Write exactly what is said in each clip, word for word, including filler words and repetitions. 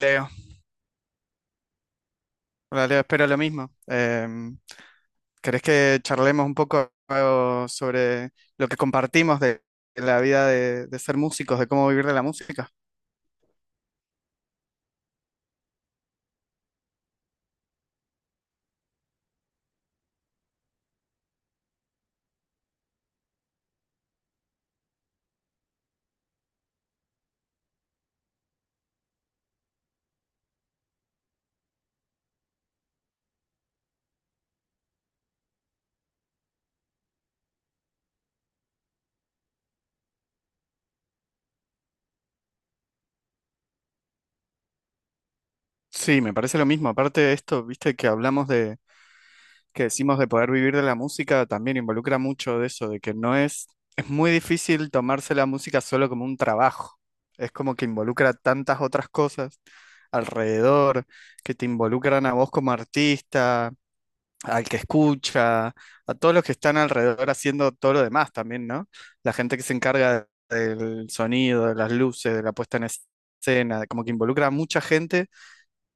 Leo, hola Leo, espero lo mismo. Em, ¿querés que charlemos un poco eh, sobre lo que compartimos de la vida de, de ser músicos, de cómo vivir de la música? Sí, me parece lo mismo. Aparte de esto, viste que hablamos de, que decimos de poder vivir de la música, también involucra mucho de eso, de que no es, es muy difícil tomarse la música solo como un trabajo. Es como que involucra tantas otras cosas alrededor, que te involucran a vos como artista, al que escucha, a todos los que están alrededor haciendo todo lo demás también, ¿no? La gente que se encarga del sonido, de las luces, de la puesta en escena, como que involucra a mucha gente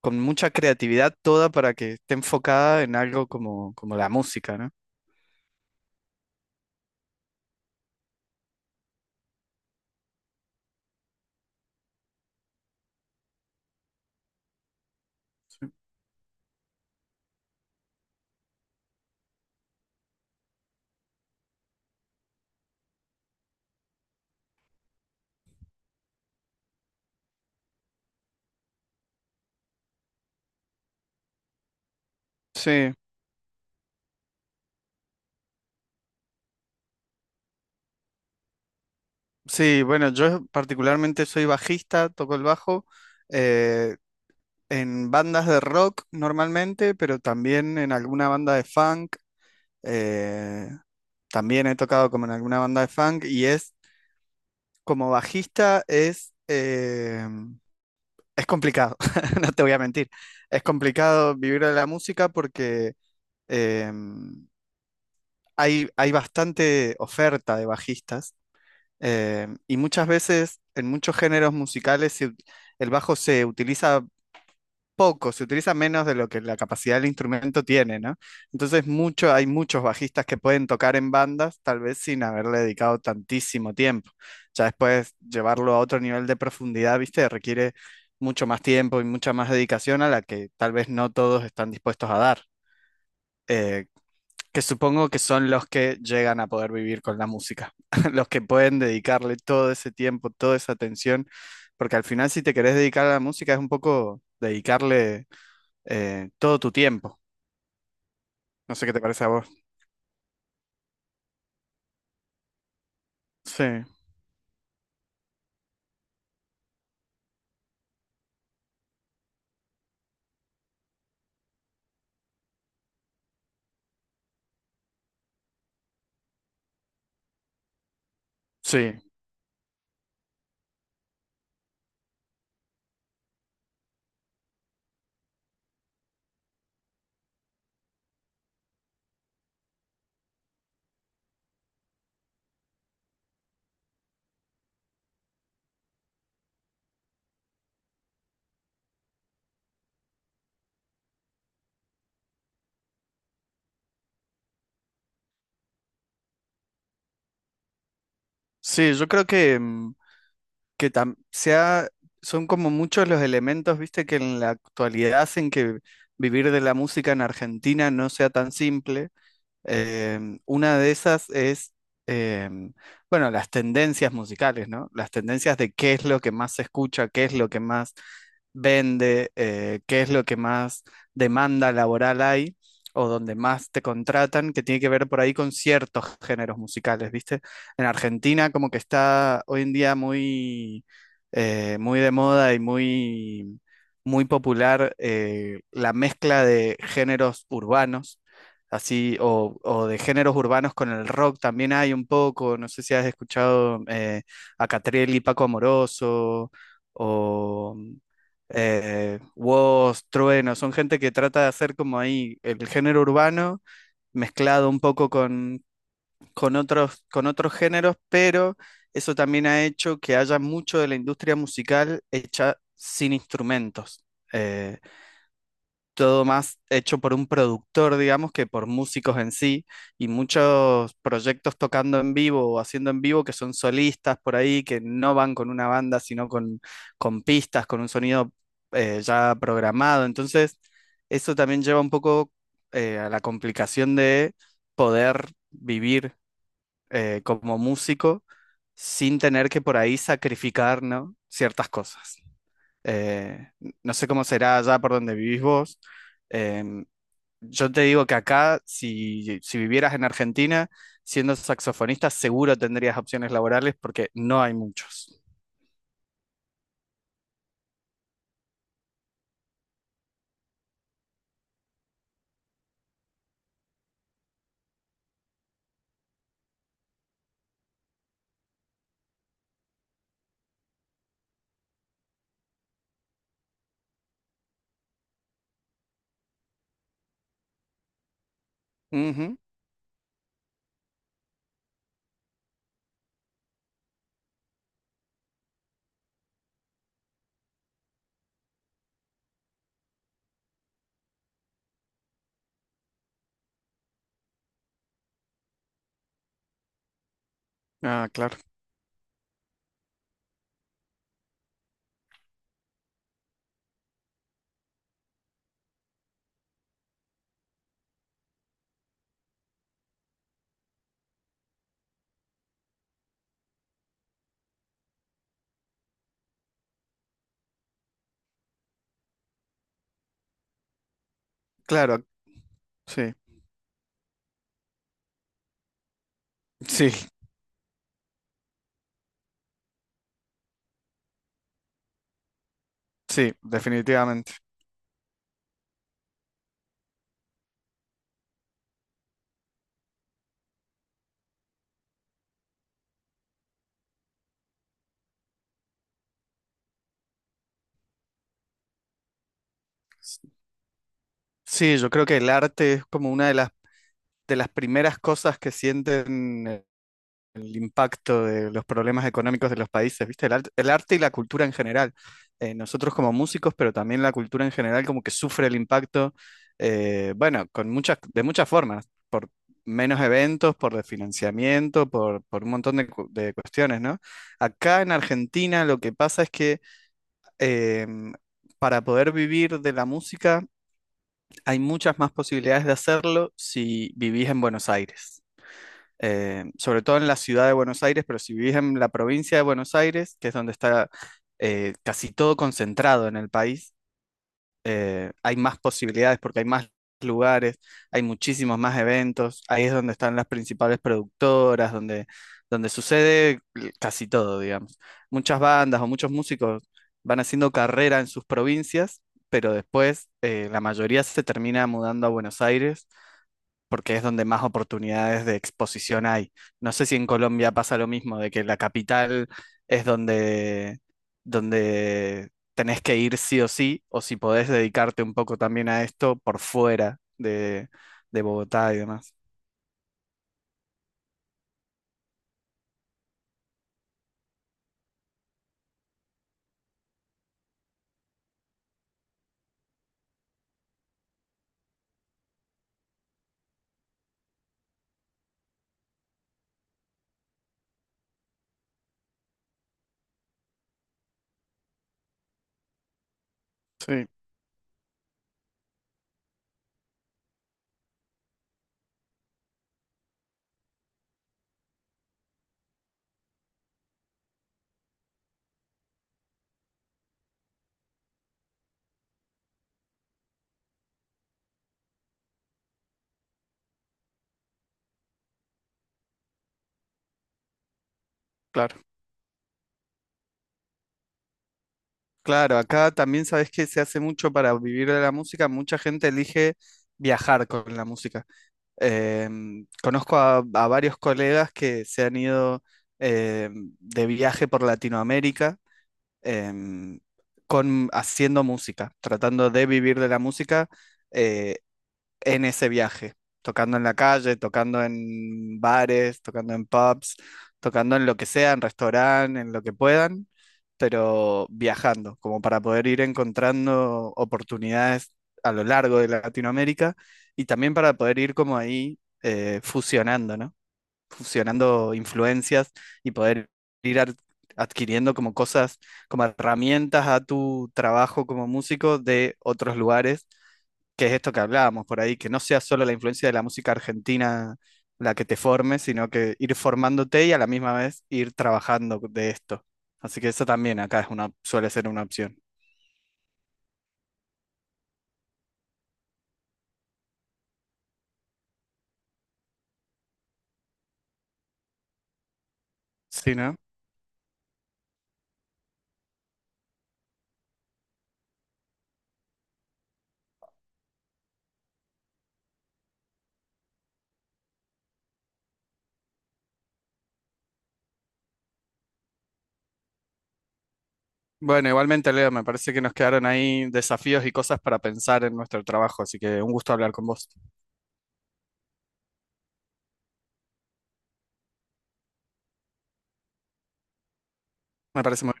con mucha creatividad toda para que esté enfocada en algo como, como la música, ¿no? Sí, sí, bueno, yo particularmente soy bajista, toco el bajo eh, en bandas de rock normalmente, pero también en alguna banda de funk. Eh, También he tocado como en alguna banda de funk y es como bajista es, eh, es complicado, no te voy a mentir. Es complicado vivir de la música porque eh, hay, hay bastante oferta de bajistas, eh, y muchas veces en muchos géneros musicales se ut- el bajo se utiliza poco, se utiliza menos de lo que la capacidad del instrumento tiene, ¿no? Entonces mucho, hay muchos bajistas que pueden tocar en bandas, tal vez sin haberle dedicado tantísimo tiempo. Ya después llevarlo a otro nivel de profundidad, ¿viste? Requiere mucho más tiempo y mucha más dedicación a la que tal vez no todos están dispuestos a dar. eh, que supongo que son los que llegan a poder vivir con la música, los que pueden dedicarle todo ese tiempo, toda esa atención, porque al final si te querés dedicar a la música es un poco dedicarle eh, todo tu tiempo. No sé qué te parece a vos. Sí, sí, sí, yo creo que, mm, que tam- sea, son como muchos los elementos, viste, que en la actualidad hacen que vivir de la música en Argentina no sea tan simple. Em, una de esas es, em, bueno, las tendencias musicales, ¿no? Las tendencias de qué es lo que más se escucha, qué es lo que más vende, eh, qué es lo que más demanda laboral hay o donde más te contratan, que tiene que ver por ahí con ciertos géneros musicales, ¿viste? En Argentina como que está hoy en día muy, eh, muy de moda y muy, muy popular, eh, la mezcla de géneros urbanos así, o, o de géneros urbanos con el rock también hay un poco, no sé si has escuchado eh, a Catriel y Paco Amoroso, o mm, eh, Woz, Trueno, son gente que trata de hacer como ahí el género urbano mezclado un poco con, con otros, con otros géneros, pero eso también ha hecho que haya mucho de la industria musical hecha sin instrumentos. Eh, Todo más hecho por un productor, digamos, que por músicos en sí, y muchos proyectos tocando en vivo o haciendo en vivo que son solistas por ahí, que no van con una banda, sino con, con pistas, con un sonido eh, ya programado. Entonces, eso también lleva un poco eh, a la complicación de poder vivir eh, como músico sin tener que por ahí sacrificar, ¿no?, ciertas cosas. Eh, no sé cómo será allá por donde vivís vos. Em, yo te digo que acá, si, si vivieras en Argentina, siendo saxofonista, seguro tendrías opciones laborales porque no hay muchos. Ujú. Ah, claro, claro, sí, sí, sí, definitivamente. Sí, yo creo que el arte es como una de las, de las primeras cosas que sienten el impacto de los problemas económicos de los países, ¿viste? El, art- el arte y la cultura en general. Eh, nosotros como músicos, pero también la cultura en general como que sufre el impacto, eh, bueno, con muchas, de muchas formas, por menos eventos, por desfinanciamiento, por, por un montón de, cu- de cuestiones, ¿no? Acá en Argentina lo que pasa es que em, para poder vivir de la música hay muchas más posibilidades de hacerlo si vivís en Buenos Aires, eh, sobre todo en la ciudad de Buenos Aires, pero si vivís en la provincia de Buenos Aires, que es donde está eh, casi todo concentrado en el país, eh, hay más posibilidades porque hay más lugares, hay muchísimos más eventos, ahí es donde están las principales productoras, donde, donde sucede casi todo, digamos. Muchas bandas o muchos músicos van haciendo carrera en sus provincias, pero después eh, la mayoría se termina mudando a Buenos Aires porque es donde más oportunidades de exposición hay. No sé si en Colombia pasa lo mismo, de que la capital es donde, donde tenés que ir sí o sí, o si podés dedicarte un poco también a esto por fuera de, de Bogotá y demás. Sí, claro. Claro, acá también sabes que se hace mucho para vivir de la música, mucha gente elige viajar con la música. Em, conozco a, a varios colegas que se han ido, em, de viaje por Latinoamérica, em, con, haciendo música, tratando de vivir de la música eh, en ese viaje, tocando en la calle, tocando en bares, tocando en pubs, tocando en lo que sea, en restaurantes, en lo que puedan, pero viajando, como para poder ir encontrando oportunidades a lo largo de Latinoamérica, y también para poder ir como ahí eh, fusionando, ¿no?, fusionando influencias, y poder ir ar- adquiriendo como cosas, como herramientas a tu trabajo como músico de otros lugares, que es esto que hablábamos por ahí, que no sea solo la influencia de la música argentina la que te forme, sino que ir formándote y a la misma vez ir trabajando de esto. Así que eso también acá es una, suele ser una opción. Sí, ¿no? Bueno, igualmente, Leo, me parece que nos quedaron ahí desafíos y cosas para pensar en nuestro trabajo, así que un gusto hablar con vos. Me parece muy.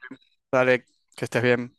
Dale, que estés bien.